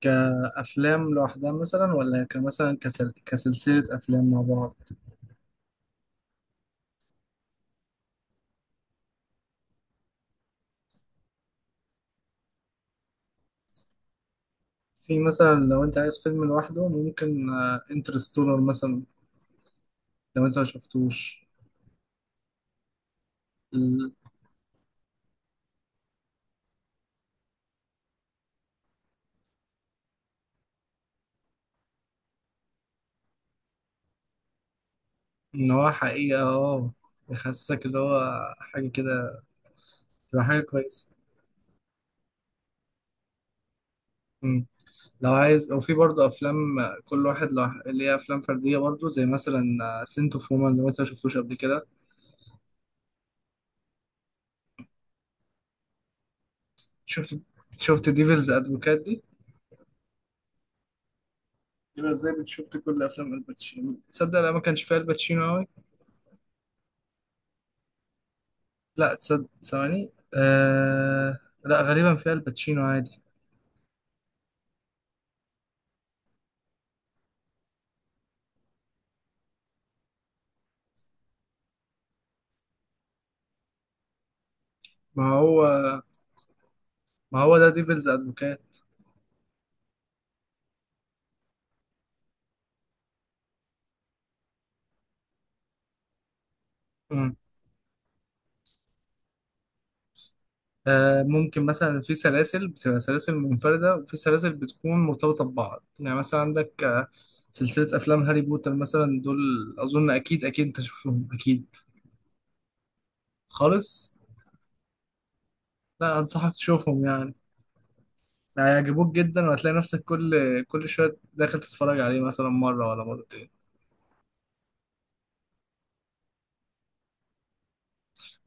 كأفلام لوحدها مثلا ولا كمثلا كسلسلة أفلام مع بعض. في مثلا لو أنت عايز فيلم لوحده ممكن انترستولر مثلا لو أنت ما شفتوش. ال- إن هو حقيقة اه بيحسسك اللي هو حاجة كده تبقى حاجة كويسة. مم. لو عايز وفي برضه أفلام كل واحد اللي هي أفلام فردية برضه زي مثلا سنت اوف وومن لو أنت ما شفتوش قبل كده. شفت شفت ديفلز أدفوكات دي؟ يبقى ازاي بتشوفت كل افلام الباتشينو تصدق انا ما كانش فيها الباتشينو قوي. لا تصدق ثواني. آه... لا غالبا فيها الباتشينو عادي. ما هو ما هو ده ديفلز ادفوكات. مم. آه ممكن مثلا في سلاسل بتبقى سلاسل منفردة وفي سلاسل بتكون مرتبطة ببعض، يعني مثلا عندك سلسلة أفلام هاري بوتر مثلا دول. أظن أكيد أكيد أنت شوفهم أكيد خالص. لا أنصحك تشوفهم، يعني هيعجبوك جدا وهتلاقي نفسك كل شوية داخل تتفرج عليه مثلا مرة ولا مرتين.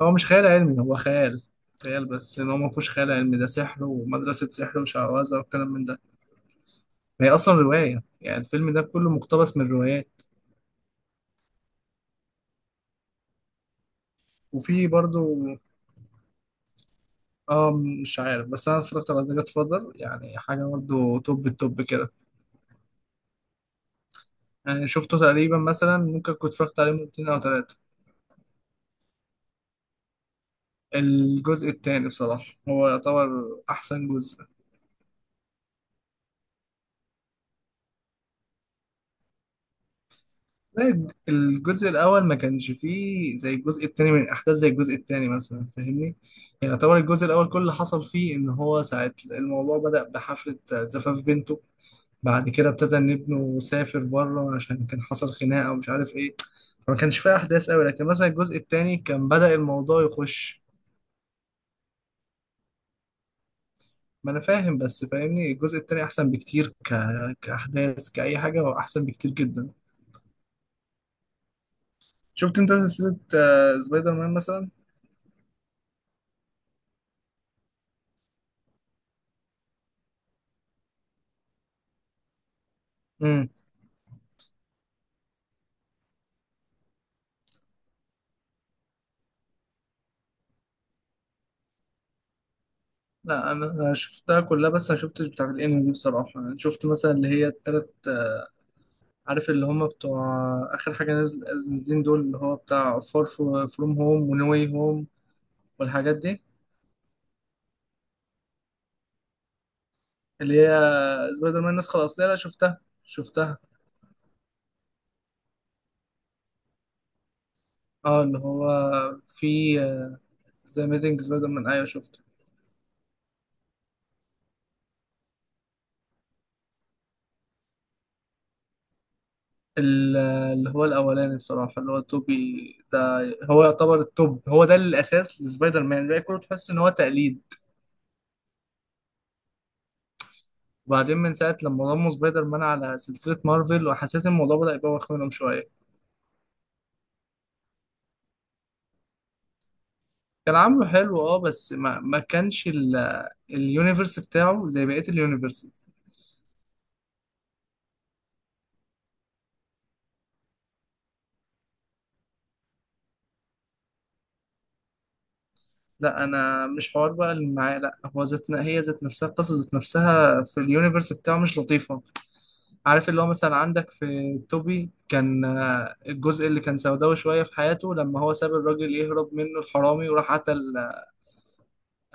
هو مش خيال علمي، هو خيال، خيال، بس لأن هو ما فيهوش خيال علمي، ده سحر ومدرسة سحر وشعوذة والكلام من ده. هي أصلا رواية، يعني الفيلم ده كله مقتبس من روايات. وفي برضو، اه، مش عارف بس أنا اتفرجت على ذا فاذر، يعني حاجة برضو توب التوب كده. يعني شفته تقريبا مثلا ممكن كنت اتفرجت عليه مرتين أو تلاتة. الجزء التاني بصراحة هو يعتبر أحسن جزء. زي الجزء الأول ما كانش فيه زي الجزء التاني من أحداث زي الجزء التاني مثلا، فاهمني؟ يعني يعتبر الجزء الأول كل اللي حصل فيه إن هو ساعة الموضوع بدأ بحفلة زفاف بنته، بعد كده ابتدى إن ابنه سافر بره عشان كان حصل خناقة ومش عارف إيه. فما كانش فيه أحداث أوي، لكن مثلا الجزء التاني كان بدأ الموضوع يخش. ما أنا فاهم بس فاهمني الجزء التاني أحسن بكتير كأحداث كأي حاجة هو أحسن بكتير جدا. شفت أنت سلسلة سبايدر مان مثلا؟ لا انا شفتها كلها بس ما شفتش بتاعت الانمي دي، بصراحه انا شفت مثلا اللي هي التلات عارف اللي هم بتوع اخر حاجه نازل نازلين دول اللي هو بتاع فار فروم هوم ونوي هوم والحاجات دي. اللي هي سبايدر مان النسخه الاصليه، لا شفتها شفتها. اه اللي هو في ذا اميزنج سبايدر مان، ايوه شفته. ال- اللي هو الاولاني بصراحه اللي هو توبي ده. هو يعتبر التوب، هو ده الاساس لسبايدر مان، الباقي كله تحس ان هو تقليد. وبعدين من ساعة لما ضموا سبايدر مان على سلسلة مارفل وحسيت إن الموضوع بدأ يبوخ منهم شوية. كان عامله حلو اه بس ما كانش اليونيفرس بتاعه زي بقية اليونيفرسز. لا أنا مش حوار بقى اللي معاه، لا هو هي ذات نفسها القصة، ذات نفسها في اليونيفرس بتاعه مش لطيفة. عارف اللي هو مثلا عندك في توبي كان، الجزء اللي كان سوداوي شوية في حياته لما هو ساب الراجل يهرب منه الحرامي وراح قتل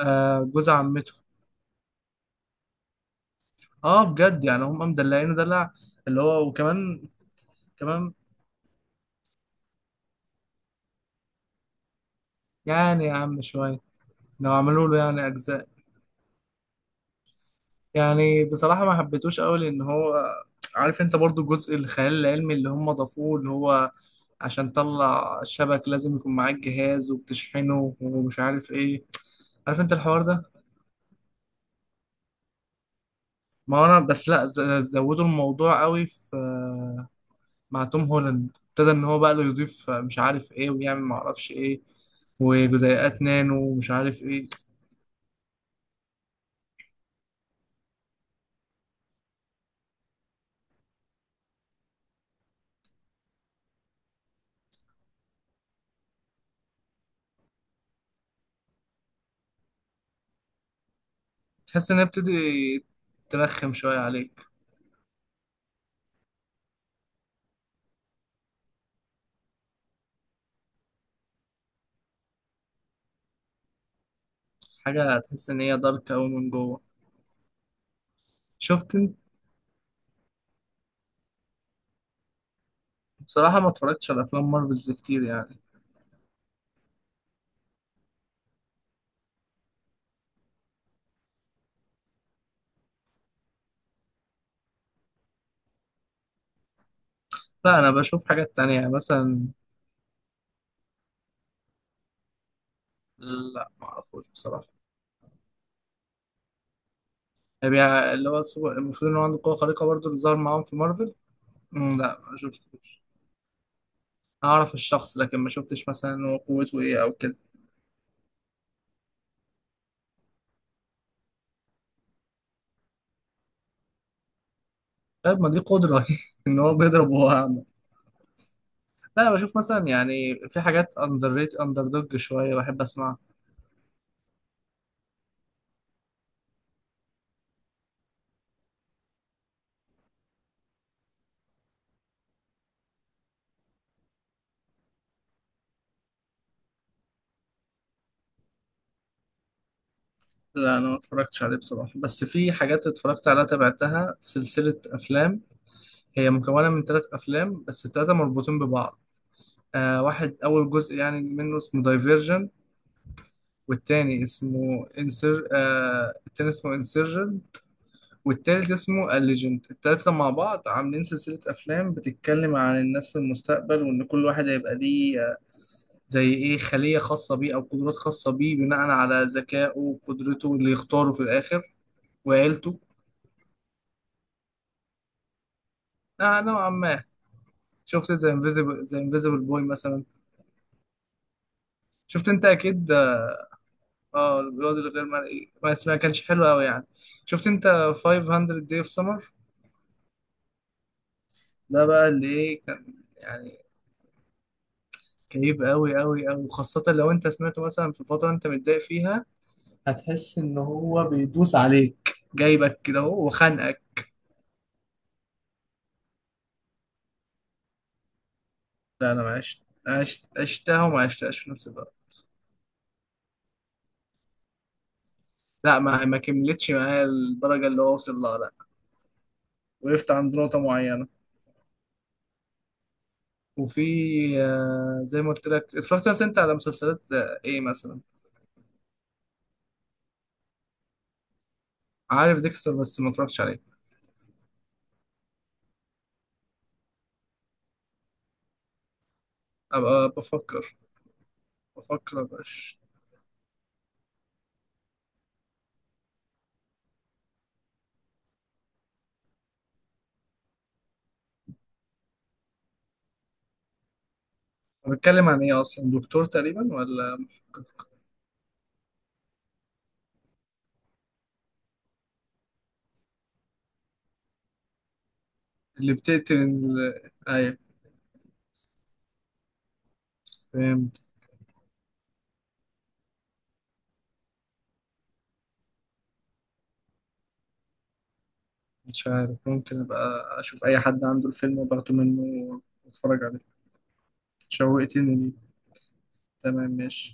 جوز عمته. اه بجد، يعني هم مدلعينه دلع اللي هو وكمان كمان. يعني يا عم شوية لو عملوا له يعني أجزاء. يعني بصراحة ما حبيتوش أوي لأن هو، عارف أنت، برضو جزء الخيال العلمي اللي هم ضافوه اللي هو عشان تطلع الشبك لازم يكون معاك جهاز وبتشحنه ومش عارف إيه. عارف أنت الحوار ده، ما هو أنا بس لأ زودوا الموضوع أوي في، مع توم هولاند ابتدى إن هو بقى له يضيف مش عارف إيه ويعمل معرفش إيه وجزيئات نانو ومش عارف إيه. تحس إن هي بتبتدي ترخم شوية عليك. حاجة تحس إن هي دارك أوي من جوه. شفت أنت. بصراحة ما اتفرجتش على أفلام مارفلز كتير يعني. لا أنا بشوف حاجات تانية، يعني مثلا. لا ما أعرفوش بصراحة. يعني اللي هو السوبر المفروض إن هو عنده قوة خارقة برضه اللي ظهر معاهم في مارفل. مم، لا ما شفتوش. أعرف الشخص لكن ما شفتش مثلا إن هو قوته إيه أو كده. طيب ما دي قدرة إن هو بيضرب وهو أعمى. لا بشوف مثلا يعني في حاجات أندر ريت أندر دوج شوية بحب أسمعها. لا أنا ما اتفرجتش عليه بصراحة، بس في حاجات اتفرجت عليها تابعتها سلسلة أفلام، هي مكونة من ثلاث أفلام بس الثلاثة مربوطين ببعض. آه واحد أول جزء يعني منه اسمه دايفيرجن، والتاني اسمه انسر آه التاني اسمه انسرجن، والتالت اسمه الليجنت. التلاتة مع بعض عاملين سلسلة أفلام بتتكلم عن الناس في المستقبل، وإن كل واحد هيبقى ليه زي إيه خلية خاصة بيه أو قدرات خاصة بيه بناء على ذكائه وقدرته اللي يختاره في الآخر وعيلته. آه نوعا ما. شفت زي انفيزيبل، زي انفيزيبل بوي مثلا؟ شفت انت اكيد. اه البيض الغير مرئي بس ما كانش حلو قوي يعني. شفت انت 500 Day of Summer؟ ده بقى اللي ايه كان يعني. كئيب قوي قوي قوي، خاصة لو انت سمعته مثلا في فترة انت متضايق فيها. هتحس ان هو بيدوس عليك جايبك كده اهو وخانقك. لا انا ما عشت، عشتها وما عشتهاش في نفس الوقت. لا ما كملتش معايا الدرجة اللي هو وصل لها، لا. وقفت عند نقطة معينة. وفي زي ما قلت لك، اتفرجت مثلا انت على مسلسلات ايه مثلا. عارف ديكستر بس ما اتفرجتش عليه. أبقى بفكر. بفكر أبقاش. بتكلم عن إيه أصلا، دكتور تقريبا ولا محقق؟ اللي بتقتل ال... أيوة فهمت. مش عارف، ممكن أبقى أشوف أي حد عنده الفيلم وباخده منه وأتفرج عليه. شوقتني ليه. تمام ماشي.